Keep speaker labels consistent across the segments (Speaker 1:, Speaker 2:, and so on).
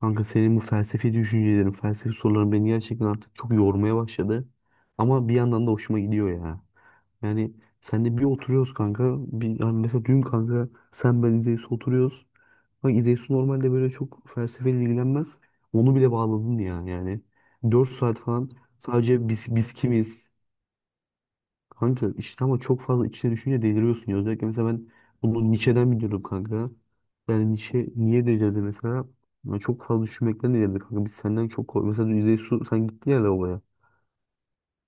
Speaker 1: Kanka senin bu felsefi düşüncelerin, felsefi soruların beni gerçekten artık çok yormaya başladı. Ama bir yandan da hoşuma gidiyor ya. Yani senle bir oturuyoruz kanka. Bir, yani mesela dün kanka sen ben İzeysu oturuyoruz. Bak İzeysu normalde böyle çok felsefeyle ilgilenmez. Onu bile bağladın ya yani. 4 saat falan, sadece biz kimiz? Kanka işte ama çok fazla içine düşünce deliriyorsun ya. Özellikle mesela ben bunu Nietzsche'den biliyordum kanka. Yani Nietzsche niye delirdi mesela? Ya çok fazla düşünmekten delirdi kanka. Biz senden çok kork- Mesela dün İzey Su sen gittin ya lavaboya.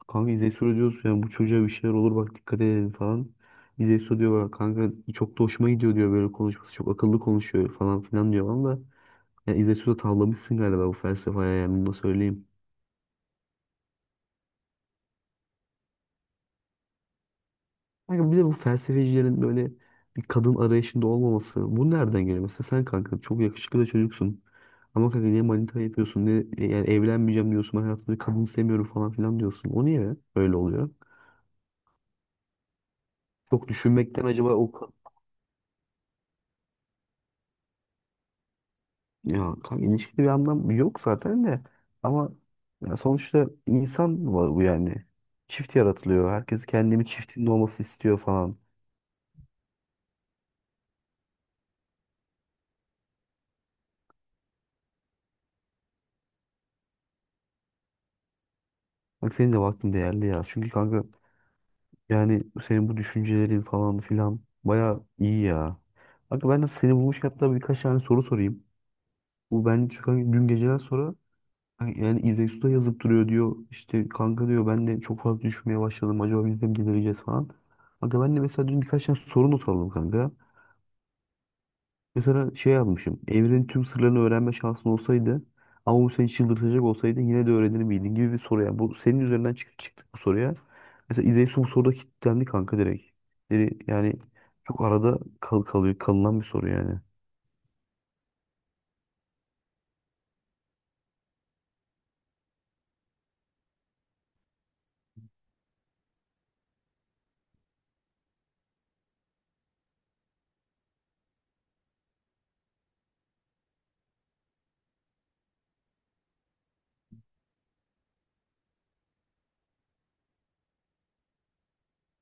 Speaker 1: Kanka İzey Su diyorsun yani, bu çocuğa bir şeyler olur bak, dikkat edelim falan. İzey Su diyor bak kanka, çok da hoşuma gidiyor diyor, böyle konuşması çok akıllı, konuşuyor falan filan diyor ama. Yani İzey Su da tavlamışsın galiba bu felsefeye, yani bunu da söyleyeyim. Kanka bir de bu felsefecilerin böyle bir kadın arayışında olmaması. Bu nereden geliyor? Mesela sen kanka çok yakışıklı da çocuksun. Ama kanka niye manita yapıyorsun? Ne, yani evlenmeyeceğim diyorsun. Ben hayatımda bir kadın sevmiyorum falan filan diyorsun. O niye öyle oluyor? Çok düşünmekten acaba o. Ya kanka, ilişkide bir anlam yok zaten de. Ama ya sonuçta insan var bu yani. Çift yaratılıyor. Herkes kendini çiftinin olması istiyor falan. Bak senin de vaktin değerli ya. Çünkü kanka, yani senin bu düşüncelerin falan filan baya iyi ya. Kanka ben de seni bulmuş hatta, birkaç tane soru sorayım. Bu ben, çünkü hani dün geceden sonra hani yani İzek Su da yazıp duruyor diyor. İşte kanka diyor, ben de çok fazla düşünmeye başladım. Acaba biz de mi delireceğiz falan. Kanka ben de mesela dün birkaç tane soru not aldım kanka. Mesela şey yazmışım. Evrenin tüm sırlarını öğrenme şansın olsaydı ama bu seni çıldırtacak olsaydı, yine de öğrenir miydin gibi bir soru. Yani bu, senin üzerinden çıktık bu soruya. Mesela İzeysu bu soruda kilitlendi kanka, direkt. Yani çok arada kalınan bir soru yani.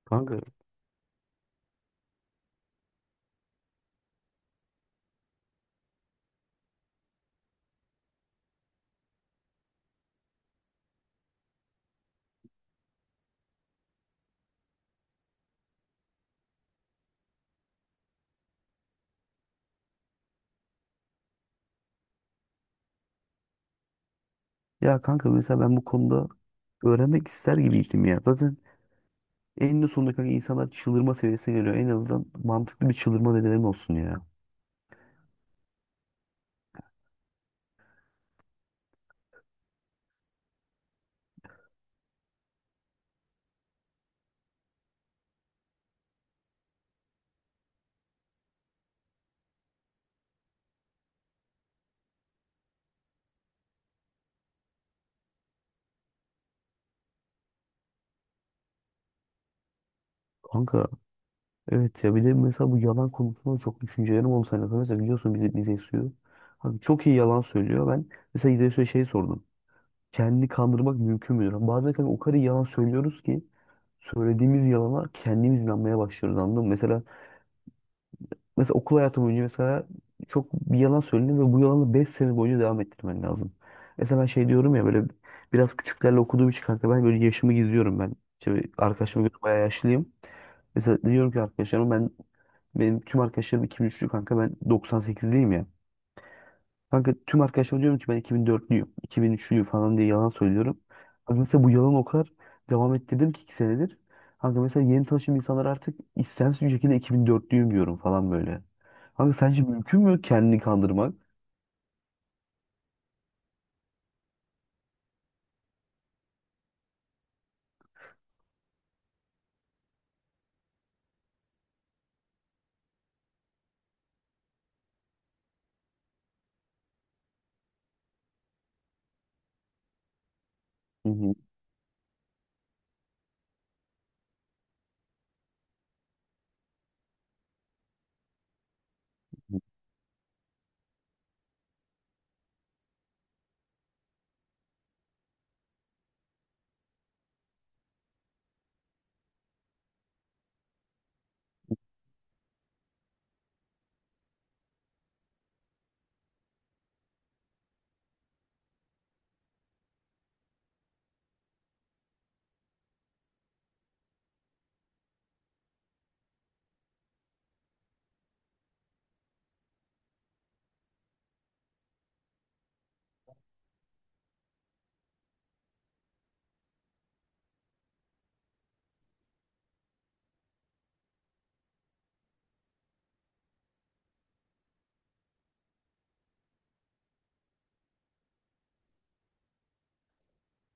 Speaker 1: Kanka, ya kanka, mesela ben bu konuda öğrenmek ister gibiydim ya. Zaten eninde sonunda kanka insanlar çıldırma seviyesine geliyor. En azından mantıklı bir çıldırma nedeni olsun ya. Kanka, evet ya, bir de mesela bu yalan konusunda çok düşüncelerim oldu seninle. Mesela biliyorsun bize suyu. Abi çok iyi yalan söylüyor. Ben mesela bize suya şey sordum. Kendini kandırmak mümkün müdür? Bazen kanka o kadar iyi yalan söylüyoruz ki söylediğimiz yalana kendimiz inanmaya başlıyoruz, anladın mı? Mesela okul hayatı boyunca mesela, çok bir yalan söyledim ve bu yalanı 5 sene boyunca devam ettirmen lazım. Mesela ben şey diyorum ya, böyle biraz küçüklerle okuduğum için kanka, ben böyle yaşımı gizliyorum ben. İşte arkadaşlarıma göre bayağı yaşlıyım. Mesela diyorum ki arkadaşlarıma, benim tüm arkadaşlarım 2003'lü kanka, ben 98'liyim ya. Kanka tüm arkadaşlarıma diyorum ki ben 2004'lüyüm, 2003'lüyüm falan diye yalan söylüyorum. Kanka mesela bu yalan o kadar devam ettirdim ki, 2 senedir. Kanka mesela yeni tanıştığım insanlar, artık istemsiz bir şekilde 2004'lüyüm diyorum falan böyle. Kanka sence mümkün mü kendini kandırmak? Hı hı.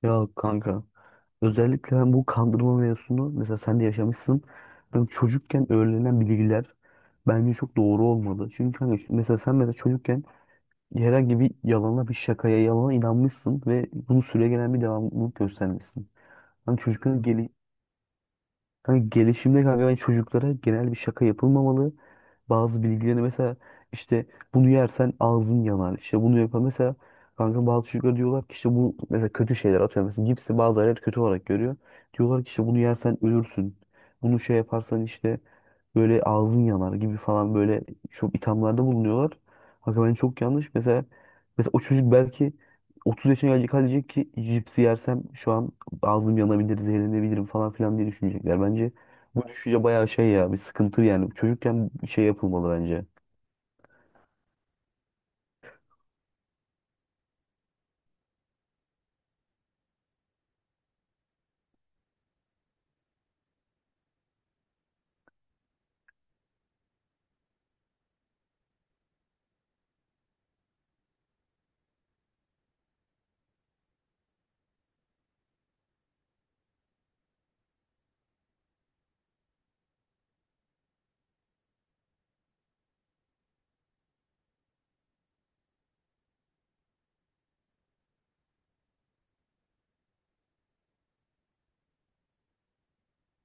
Speaker 1: Ya kanka, özellikle ben bu kandırma mevzusunu, mesela sen de yaşamışsın. Ben çocukken öğrenilen bilgiler bence çok doğru olmadı. Çünkü kanka mesela sen, mesela çocukken herhangi bir yalana, bir şakaya, yalana inanmışsın ve bunu süregelen bir devamlılık göstermişsin. Hani çocuğun gele- Kanka gelişimde kanka, ben çocuklara genel bir şaka yapılmamalı. Bazı bilgilerini mesela, işte bunu yersen ağzın yanar. İşte bunu yapar. Mesela kanka bazı çocuklar diyorlar ki, işte bu mesela kötü şeyler atıyor. Mesela cipsi bazı aileler kötü olarak görüyor. Diyorlar ki işte, bunu yersen ölürsün. Bunu şey yaparsan işte böyle ağzın yanar gibi falan, böyle çok ithamlarda bulunuyorlar. Kanka ben çok yanlış. Mesela o çocuk belki 30 yaşına gelecek ki cipsi yersem şu an ağzım yanabilir, zehirlenebilirim falan filan diye düşünecekler. Bence bu düşünce bayağı şey ya, bir sıkıntı yani. Çocukken şey yapılmalı bence.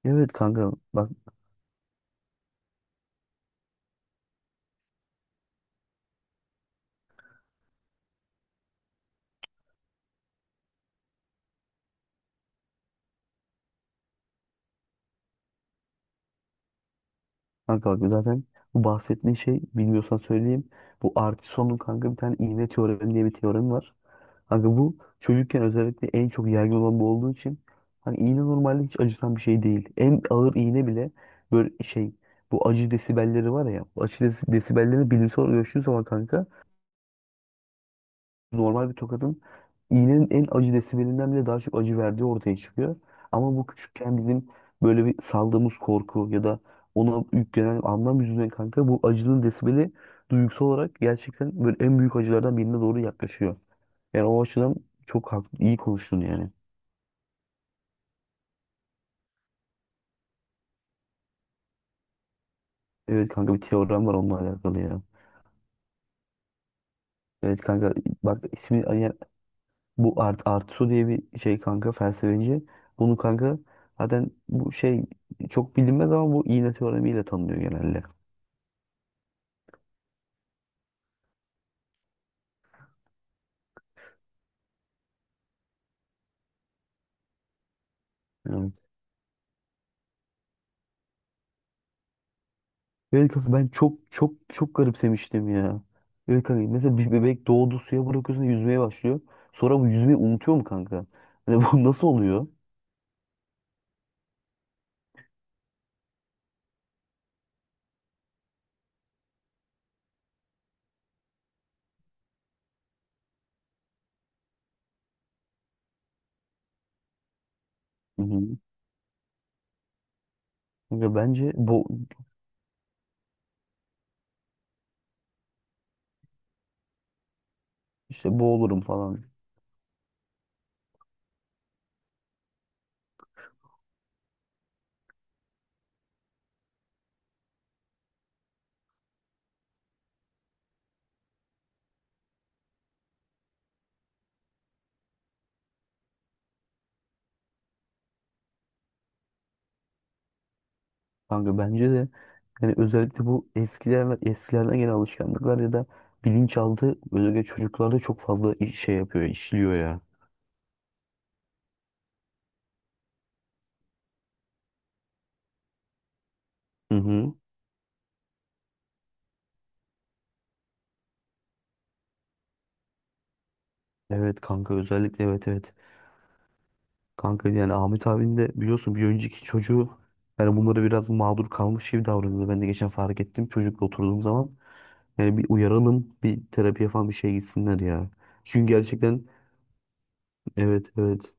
Speaker 1: Evet kanka bak, zaten bu bahsettiğin şey, bilmiyorsan söyleyeyim. Bu Artison'un kanka bir tane iğne teoremi diye bir teoremi var. Kanka bu çocukken özellikle en çok yaygın olan bu olduğu için, hani iğne normalde hiç acıtan bir şey değil. En ağır iğne bile böyle şey, bu acı desibelleri var ya. Bu acı desibellerini bilimsel olarak ölçtüğün zaman kanka, normal bir tokadın iğnenin en acı desibelinden bile daha çok acı verdiği ortaya çıkıyor. Ama bu küçükken bizim böyle bir saldığımız korku ya da ona yüklenen anlam yüzünden kanka, bu acının desibeli duygusal olarak gerçekten böyle en büyük acılardan birine doğru yaklaşıyor. Yani o açıdan çok haklı, iyi konuştun yani. Evet kanka, bir teorem var onunla alakalı ya. Evet kanka, bak ismi, bu Artusu diye bir şey kanka, felsefeci. Bunu kanka zaten bu şey çok bilinmez ama bu iğne teoremiyle tanınıyor genelde. Evet. Evet kanka, ben çok çok çok garipsemiştim ya. Evet kanka, mesela bir bebek doğdu, suya bırakıyorsun, yüzmeye başlıyor. Sonra bu yüzmeyi unutuyor mu kanka? Hani bu nasıl oluyor? Hı hı. Kanka bence işte boğulurum falan. Kanka bence de yani, özellikle bu eskilerden gelen alışkanlıklar ya da bilinçaltı, özellikle çocuklarda çok fazla şey yapıyor, işliyor ya. Hı hı. Evet kanka, özellikle, evet, evet. Kanka yani Ahmet abin de biliyorsun, bir önceki çocuğu yani bunları biraz mağdur kalmış gibi davranıyordu. Ben de geçen fark ettim çocukla oturduğum zaman. Yani bir uyaralım, bir terapiye falan bir şey gitsinler ya. Çünkü gerçekten, evet, evet.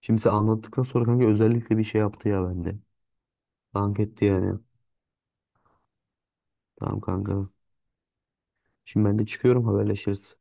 Speaker 1: Şimdi sen anlattıktan sonra kanka, özellikle bir şey yaptı ya bende. Dank etti yani. Tamam kanka. Şimdi ben de çıkıyorum, haberleşiriz.